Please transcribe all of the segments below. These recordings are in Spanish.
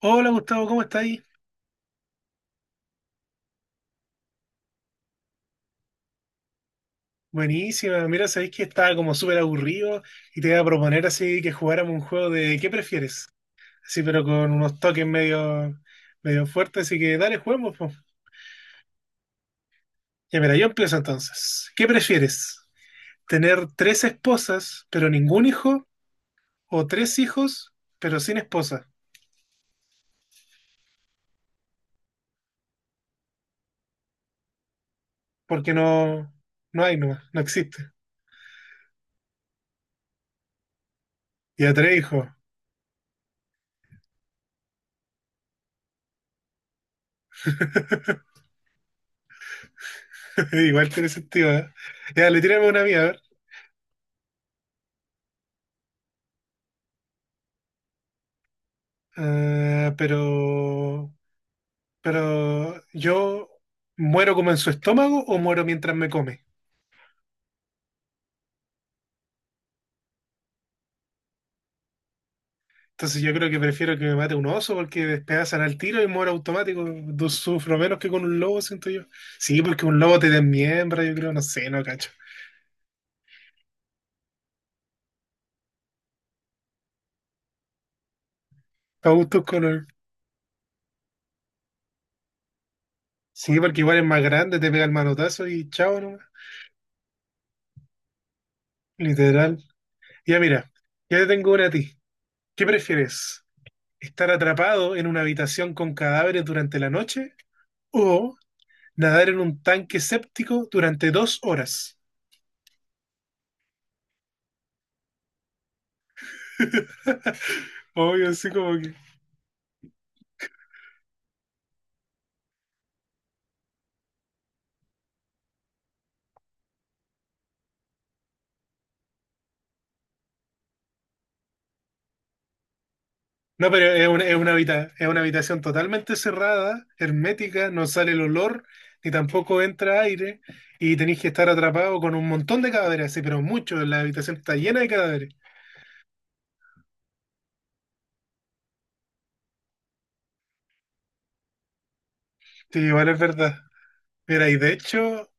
Hola Gustavo, ¿cómo estáis? Buenísima, mira, sabéis que estaba como súper aburrido y te iba a proponer así que jugáramos un juego de ¿qué prefieres? Así, pero con unos toques medio fuertes, así que dale, juguemos, po. Ya mira, yo empiezo entonces. ¿Qué prefieres? ¿Tener tres esposas pero ningún hijo? ¿O tres hijos pero sin esposa? Porque no, no hay nomás, no existe. Ya tres hijos, igual tiene sentido, ¿eh? Ya, le tiramos una mía, a ver. Ah, pero yo muero como en su estómago o muero mientras me come. Entonces yo creo que prefiero que me mate un oso porque despedazan al tiro y muero automático. Sufro menos que con un lobo, siento yo. Sí, porque un lobo te desmiembra, yo creo, no sé, no cacho. A gustos color. Sí, porque igual es más grande, te pega el manotazo y chao nomás. Literal. Ya mira, ya te tengo una a ti. ¿Qué prefieres? ¿Estar atrapado en una habitación con cadáveres durante la noche o nadar en un tanque séptico durante 2 horas? Obvio, así como que. No, pero es una habitación totalmente cerrada, hermética, no sale el olor, ni tampoco entra aire, y tenéis que estar atrapado con un montón de cadáveres, sí, pero muchos, la habitación está llena de cadáveres. Sí, igual es verdad. Mira, y de hecho,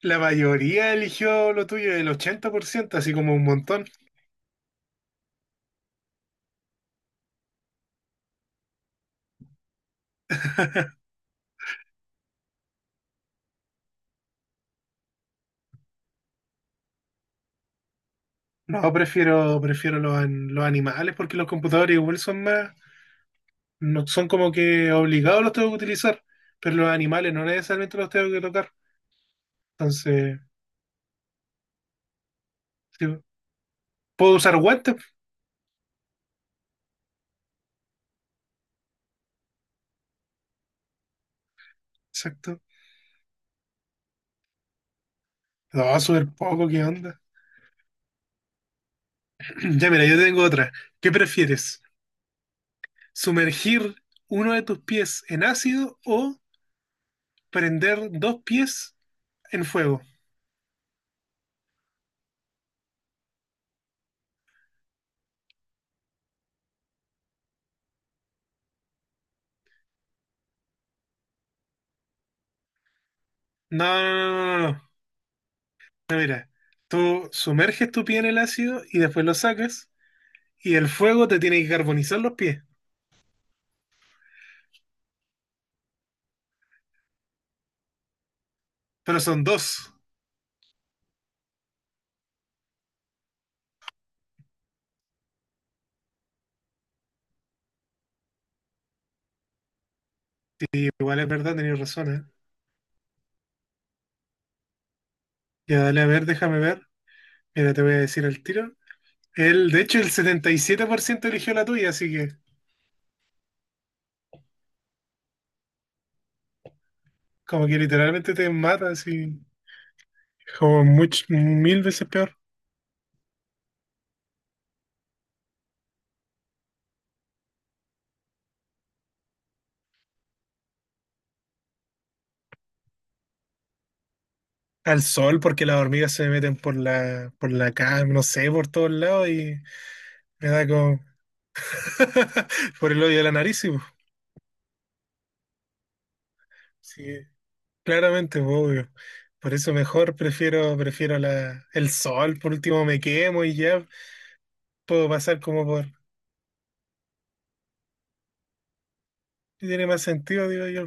la mayoría eligió lo tuyo, el 80%, así como un montón. No, prefiero los animales porque los computadores igual son más, no son como que obligados los tengo que utilizar, pero los animales no necesariamente los tengo que tocar. Entonces, sí, puedo usar guantes, exacto. No, súper poco, ¿qué onda? Ya mira, yo tengo otra. ¿Qué prefieres? ¿Sumergir uno de tus pies en ácido o prender dos pies en fuego? No, no, no, no, no. No, mira, tú sumerges tu pie en el ácido y después lo sacas y el fuego te tiene que carbonizar los pies. Pero son dos. Igual es verdad, tenías razón, ¿eh? Ya dale, a ver, déjame ver. Mira, te voy a decir al tiro. Él, de hecho, el 77% eligió la tuya, así que como que literalmente te mata, así mil veces peor. Al sol, porque las hormigas se me meten por la cara, no sé, por todos lados y me da como por el hoyo de la nariz. Y, pues, sí, claramente, pues, obvio. Por eso mejor prefiero el sol, por último me quemo y ya puedo pasar como por. Tiene más sentido, digo yo.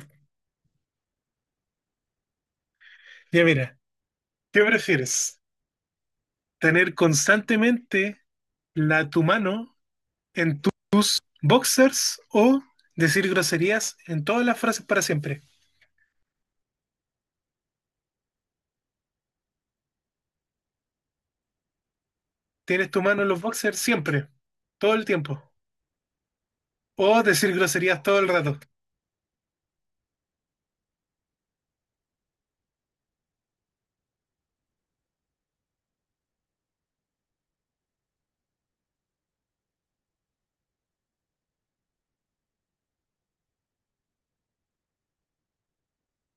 Ya mira. ¿Qué prefieres? ¿Tener constantemente tu mano en tus boxers o decir groserías en todas las frases para siempre? Tienes tu mano en los boxers siempre, todo el tiempo. O decir groserías todo el rato.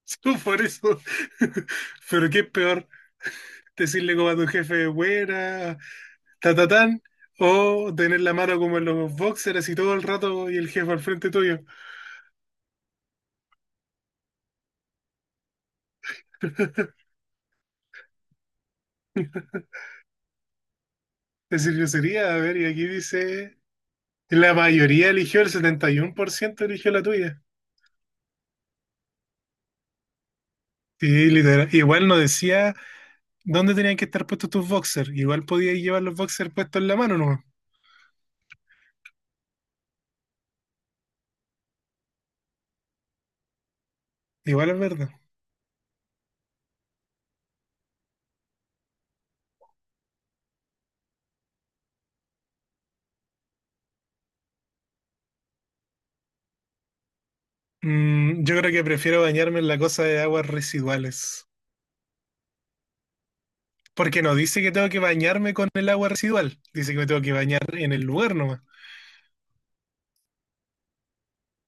Solo por eso. Pero qué es peor, decirle como a tu jefe, buena, ta, ta, tan, o tener la mano como en los boxers y todo el rato y el jefe al frente tuyo. Decir grosería, a ver, y aquí dice. La mayoría eligió, el 71% eligió la tuya. Sí, literal. Igual no decía dónde tenían que estar puestos tus boxers. Igual podías llevar los boxers puestos en la mano, ¿no? Igual es verdad. Mm, yo creo que prefiero bañarme en la cosa de aguas residuales. Porque no dice que tengo que bañarme con el agua residual. Dice que me tengo que bañar en el lugar nomás.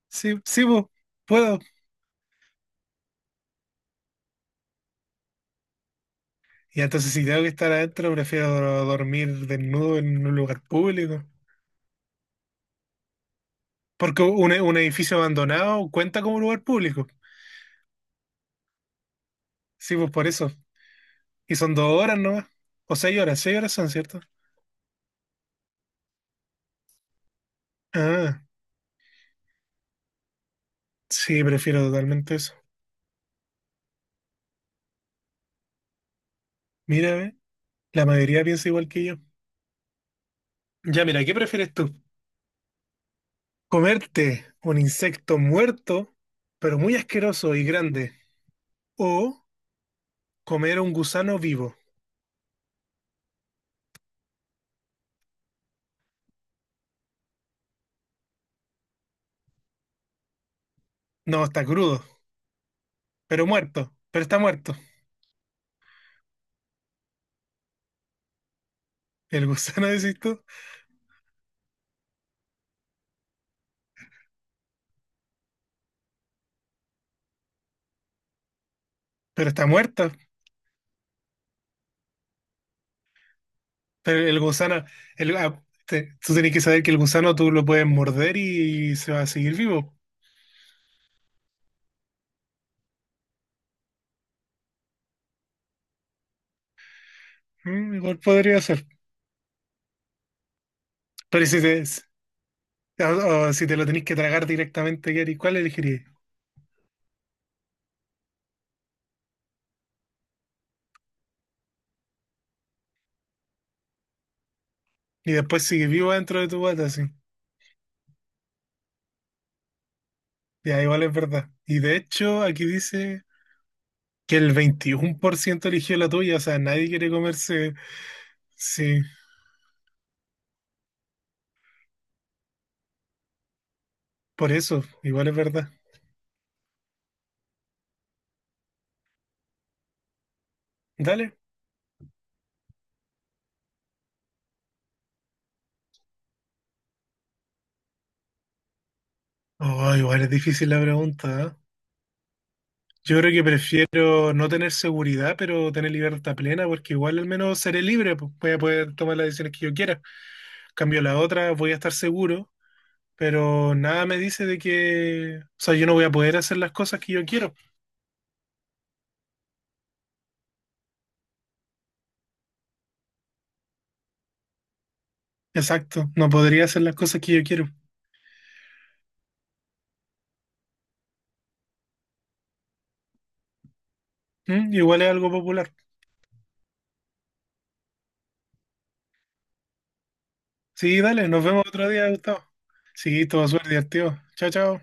Sí, sí, po, puedo. Y entonces si tengo que estar adentro, prefiero dormir desnudo en un lugar público. Porque un edificio abandonado cuenta como lugar público. Sí, pues por eso. Y son 2 horas nomás. O 6 horas, 6 horas son, ¿cierto? Ah, sí, prefiero totalmente eso. Mira, ve, la mayoría piensa igual que yo. Ya, mira, ¿qué prefieres tú? ¿Comerte un insecto muerto, pero muy asqueroso y grande? ¿O comer un gusano vivo? No, está crudo, pero muerto, pero está muerto. El gusano, decís tú, pero está muerto. Pero el gusano, tú tenés que saber que el gusano tú lo puedes morder y, se va a seguir vivo. Mm, igual podría ser. Pero o si te lo tenés que tragar directamente, ¿qué harías? ¿Cuál elegirías? Y después sigue vivo dentro de tu bata, sí. Ya, igual es verdad. Y de hecho, aquí dice que el 21% eligió la tuya, o sea, nadie quiere comerse. Sí, por eso, igual es verdad. Dale. Oh, igual es difícil la pregunta, ¿eh? Yo creo que prefiero no tener seguridad, pero tener libertad plena, porque igual al menos seré libre, pues voy a poder tomar las decisiones que yo quiera. Cambio la otra, voy a estar seguro, pero nada me dice de que, o sea, yo no voy a poder hacer las cosas que yo quiero. Exacto, no podría hacer las cosas que yo quiero. Mm, igual es algo popular. Sí, dale, nos vemos otro día, Gustavo. Sí, todo suerte, tío. Chao, chao.